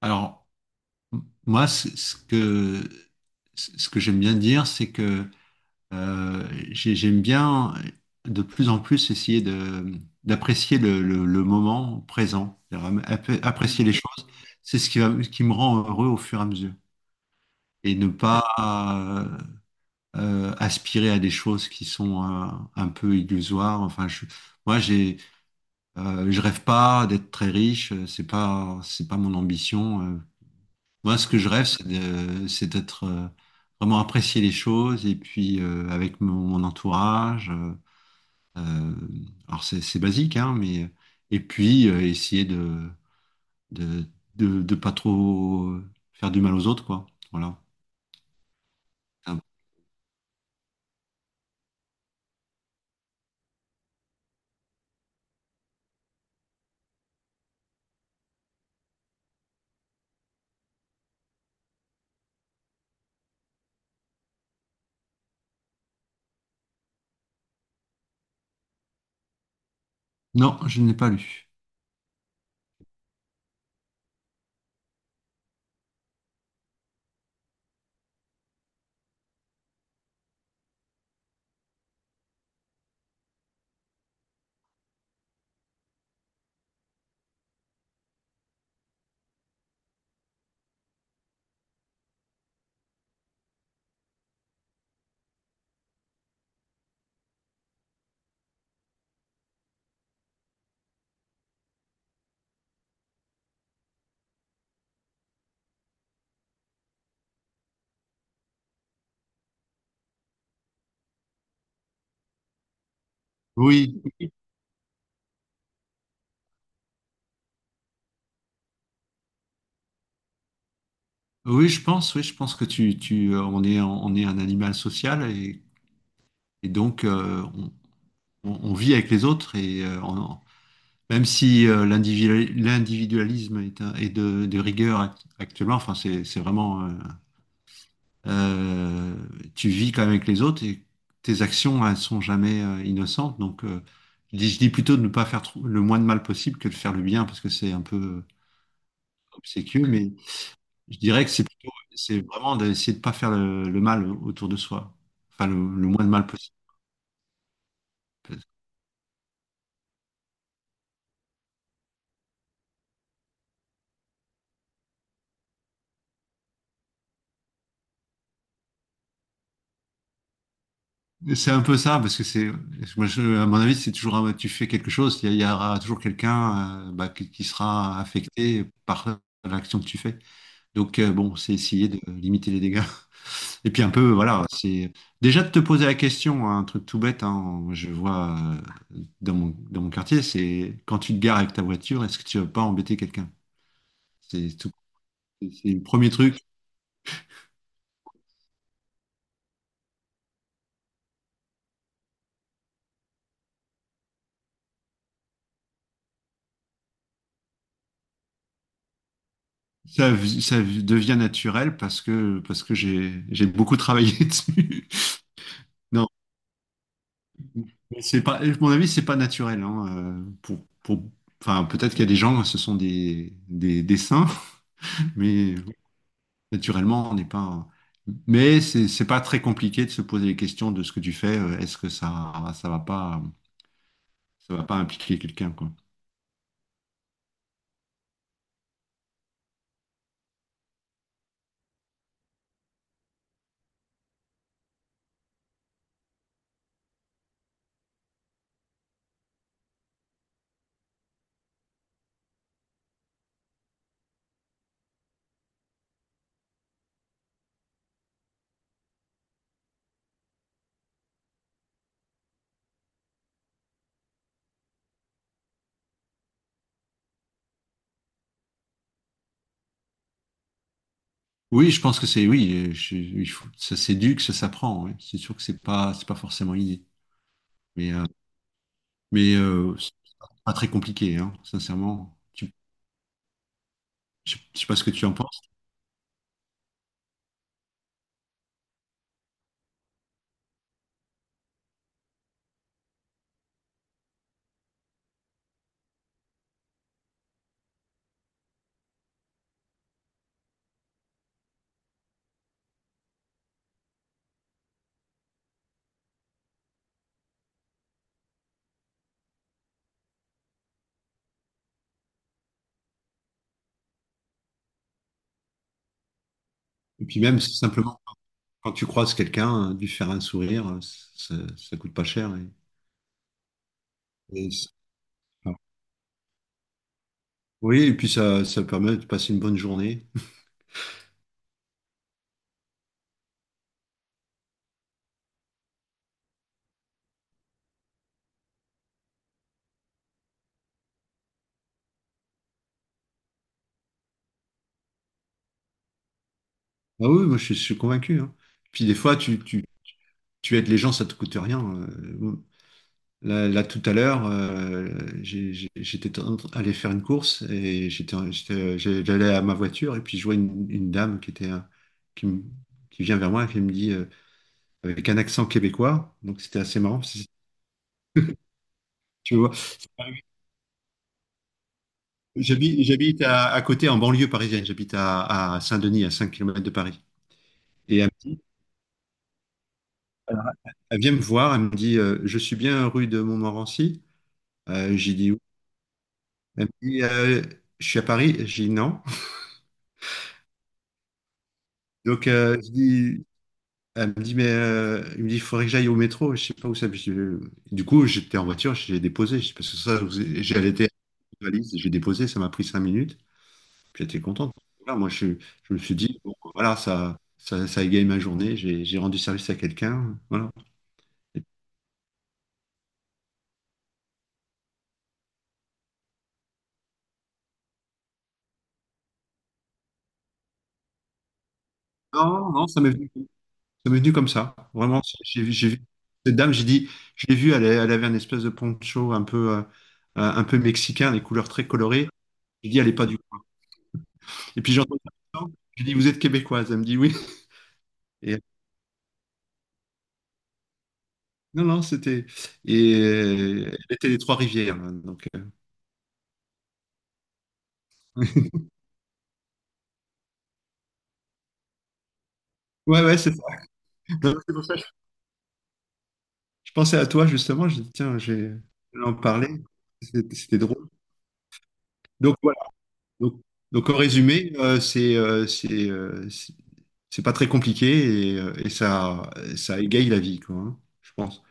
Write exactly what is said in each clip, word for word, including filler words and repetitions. Alors, m- moi, c- ce que, ce que j'aime bien dire, c'est que euh, j'ai- j'aime bien euh, de plus en plus essayer de, d'apprécier le, le- le moment présent, c'est-à-dire app- apprécier les choses. C'est ce qui, va- ce qui me rend heureux au fur et à mesure. Et ne pas euh, euh, aspirer à des choses qui sont euh, un peu illusoires. Enfin, je, moi, j'ai, euh, je rêve pas d'être très riche. C'est pas, c'est pas mon ambition. euh, Moi, ce que je rêve, c'est de- c'est d'être euh, vraiment apprécier les choses et puis euh, avec mon, mon entourage. euh, euh, alors c'est c'est basique, hein, mais et puis euh, essayer de, de de de pas trop faire du mal aux autres, quoi. Voilà. Ah, bon. Non, je ne l'ai pas lu. Oui, oui, je pense, oui, je pense que tu tu euh, on est on est un animal social, et, et donc euh, on, on- on vit avec les autres et euh, on, même si euh, l'individu- l'individualisme est, un- est de, de rigueur act- actuellement, enfin c'est c'est vraiment euh, euh, tu vis quand même avec les autres, et tes actions elles sont jamais euh, innocentes. Donc euh, je dis, je dis plutôt de ne pas faire trop- le moins de mal possible que de faire le bien, parce que c'est un peu euh, obséquieux. Mais je dirais que c'est plutôt, c'est vraiment d'essayer de ne pas faire le, le mal autour de soi, enfin le, le moins de mal possible. C'est un peu ça, parce que c'est, moi, je- à mon avis, c'est toujours, un- tu fais quelque chose, il y, a- il y aura toujours quelqu'un, euh, bah, qui, qui sera affecté par l'action que tu fais. Donc, euh, bon, c'est essayer de limiter les dégâts. Et puis, un peu, voilà, c'est déjà de te poser la question, hein. Un truc tout bête, hein, je vois euh, dans mon, dans mon quartier, c'est quand tu te gares avec ta voiture, est-ce que tu vas pas embêter quelqu'un? C'est tout, c'est le premier truc. Ça, v- ça devient naturel parce que, parce que j'ai, j'ai beaucoup travaillé dessus. Non, mais c'est pas, à mon avis, c'est pas naturel, hein, euh, pour, pour, enfin, peut-être qu'il y a des gens, ce sont des, des, des saints, mais naturellement, on n'est pas. Mais c'est c'est pas très compliqué de se poser les questions de ce que tu fais. euh, Est-ce que ça, ça va pas, ça va pas impliquer quelqu'un, quoi. Oui, je pense que c'est oui. Euh, je- il faut- ça s'éduque, ça s'apprend, oui. C'est sûr que c'est pas, c'est pas forcément inné. Mais, euh, mais euh, c'est pas très compliqué, hein, sincèrement. Tu- je, je sais pas ce que tu en penses. Et puis même c'est simplement, quand tu croises quelqu'un, euh, lui faire un sourire, euh, ça, ça coûte pas cher, et- et ça, enfin, oui, et puis ça, ça permet de passer une bonne journée. Ah oui, moi je suis, je suis convaincu, hein. Puis des fois, tu, tu, tu aides les gens, ça te coûte rien. Euh. Là, là, tout à l'heure, euh, j'ai- j'ai- j'étais en train d'aller faire une course, et j'étais, en- j'étais- j'allais à ma voiture, et puis je vois une, une dame qui était, euh, qui, me- qui vient vers moi et qui me dit, euh, avec un accent québécois. Donc c'était assez marrant, parce que, tu vois, c'est pas arrivé. J'habite, j'habite à, à côté en banlieue parisienne. J'habite à, à Saint-Denis, à cinq kilomètres de Paris. Et elle, me dit- elle vient me voir, elle me dit, euh, je suis bien rue de Montmorency. Euh, j'ai dit oui. Elle me dit, euh, je suis à Paris. J'ai dit non. Donc, euh, je dis, elle me dit, mais euh, il me dit, il faudrait que j'aille au métro, je sais pas où ça. Puis je- Du coup, j'étais en voiture, j'ai déposé, Je parce que ça, vous- j'ai allaité la valise, j'ai déposé, ça m'a pris cinq minutes, puis j'étais contente. Voilà, moi, je, je me suis dit, bon, voilà, ça, ça, ça égaye ma journée, j'ai j'ai rendu service à quelqu'un, voilà. Et non, non, ça m'est venu, ça m'est venu comme ça, vraiment. J'ai j'ai vu cette dame, j'ai dit, je l'ai vue, elle, elle avait un espèce de poncho un peu, euh, un peu mexicain, des couleurs très colorées, j'ai dit, elle est pas du... Et puis j'entends ça. Je dis, vous êtes québécoise? Elle me dit oui. Et non, non, c'était. Et euh, elle était des Trois-Rivières, hein, donc. Euh, Ouais, ouais, c'est ça. Non, c'est pour ça que je je pensais à toi, justement. Je dis, tiens, j'ai- je vais en parler. C'était c'était drôle. Donc, voilà. Donc, donc, en résumé, euh, c'est euh, c'est euh, c'est c'est pas très compliqué, et euh, et ça, ça égaye la vie, quoi, hein, je pense.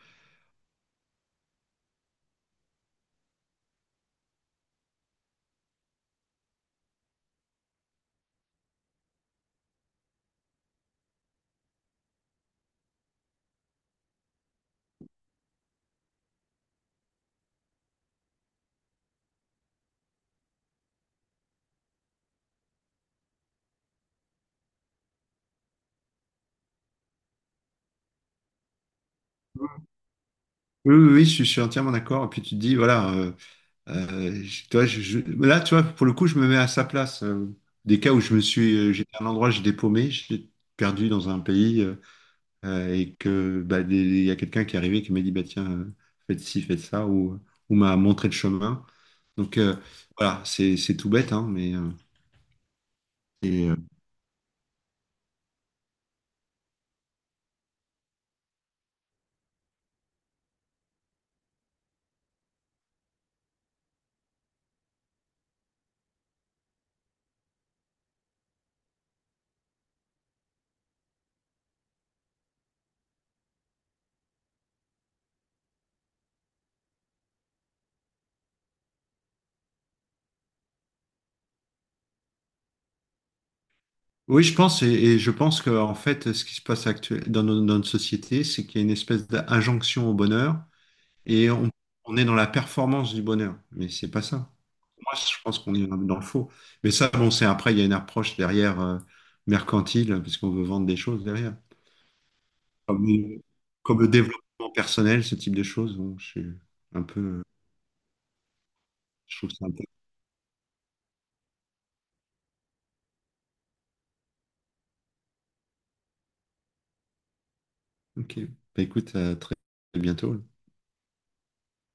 Oui, oui, oui, je suis, je suis entièrement d'accord. Et puis, tu te dis, voilà. euh, Euh, je- tu vois, je- je- Là, tu vois, pour le coup, je me mets à sa place. Euh, des cas où je me suis, euh, j'étais à un endroit, j'ai dépaumé, j'étais perdu dans un pays, euh, euh, et que bah, des- il y a quelqu'un qui est arrivé qui m'a dit bah tiens, euh, faites ci, faites ça, ou, ou m'a montré le chemin. Donc euh, voilà, c'est c'est tout bête, hein, mais euh, et, euh, oui, je pense, et, et je pense que en fait, ce qui se passe actuellement dans no- dans notre société, c'est qu'il y a une espèce d'injonction au bonheur, et on, on est dans la performance du bonheur, mais c'est pas ça. Moi, je pense qu'on est dans le faux. Mais ça, bon, c'est, après, il y a une approche derrière euh, mercantile, parce qu'on veut vendre des choses derrière. Comme, le Comme le développement personnel, ce type de choses, bon, je suis un peu, je trouve ça un peu... OK. Bah, écoute, à très bientôt.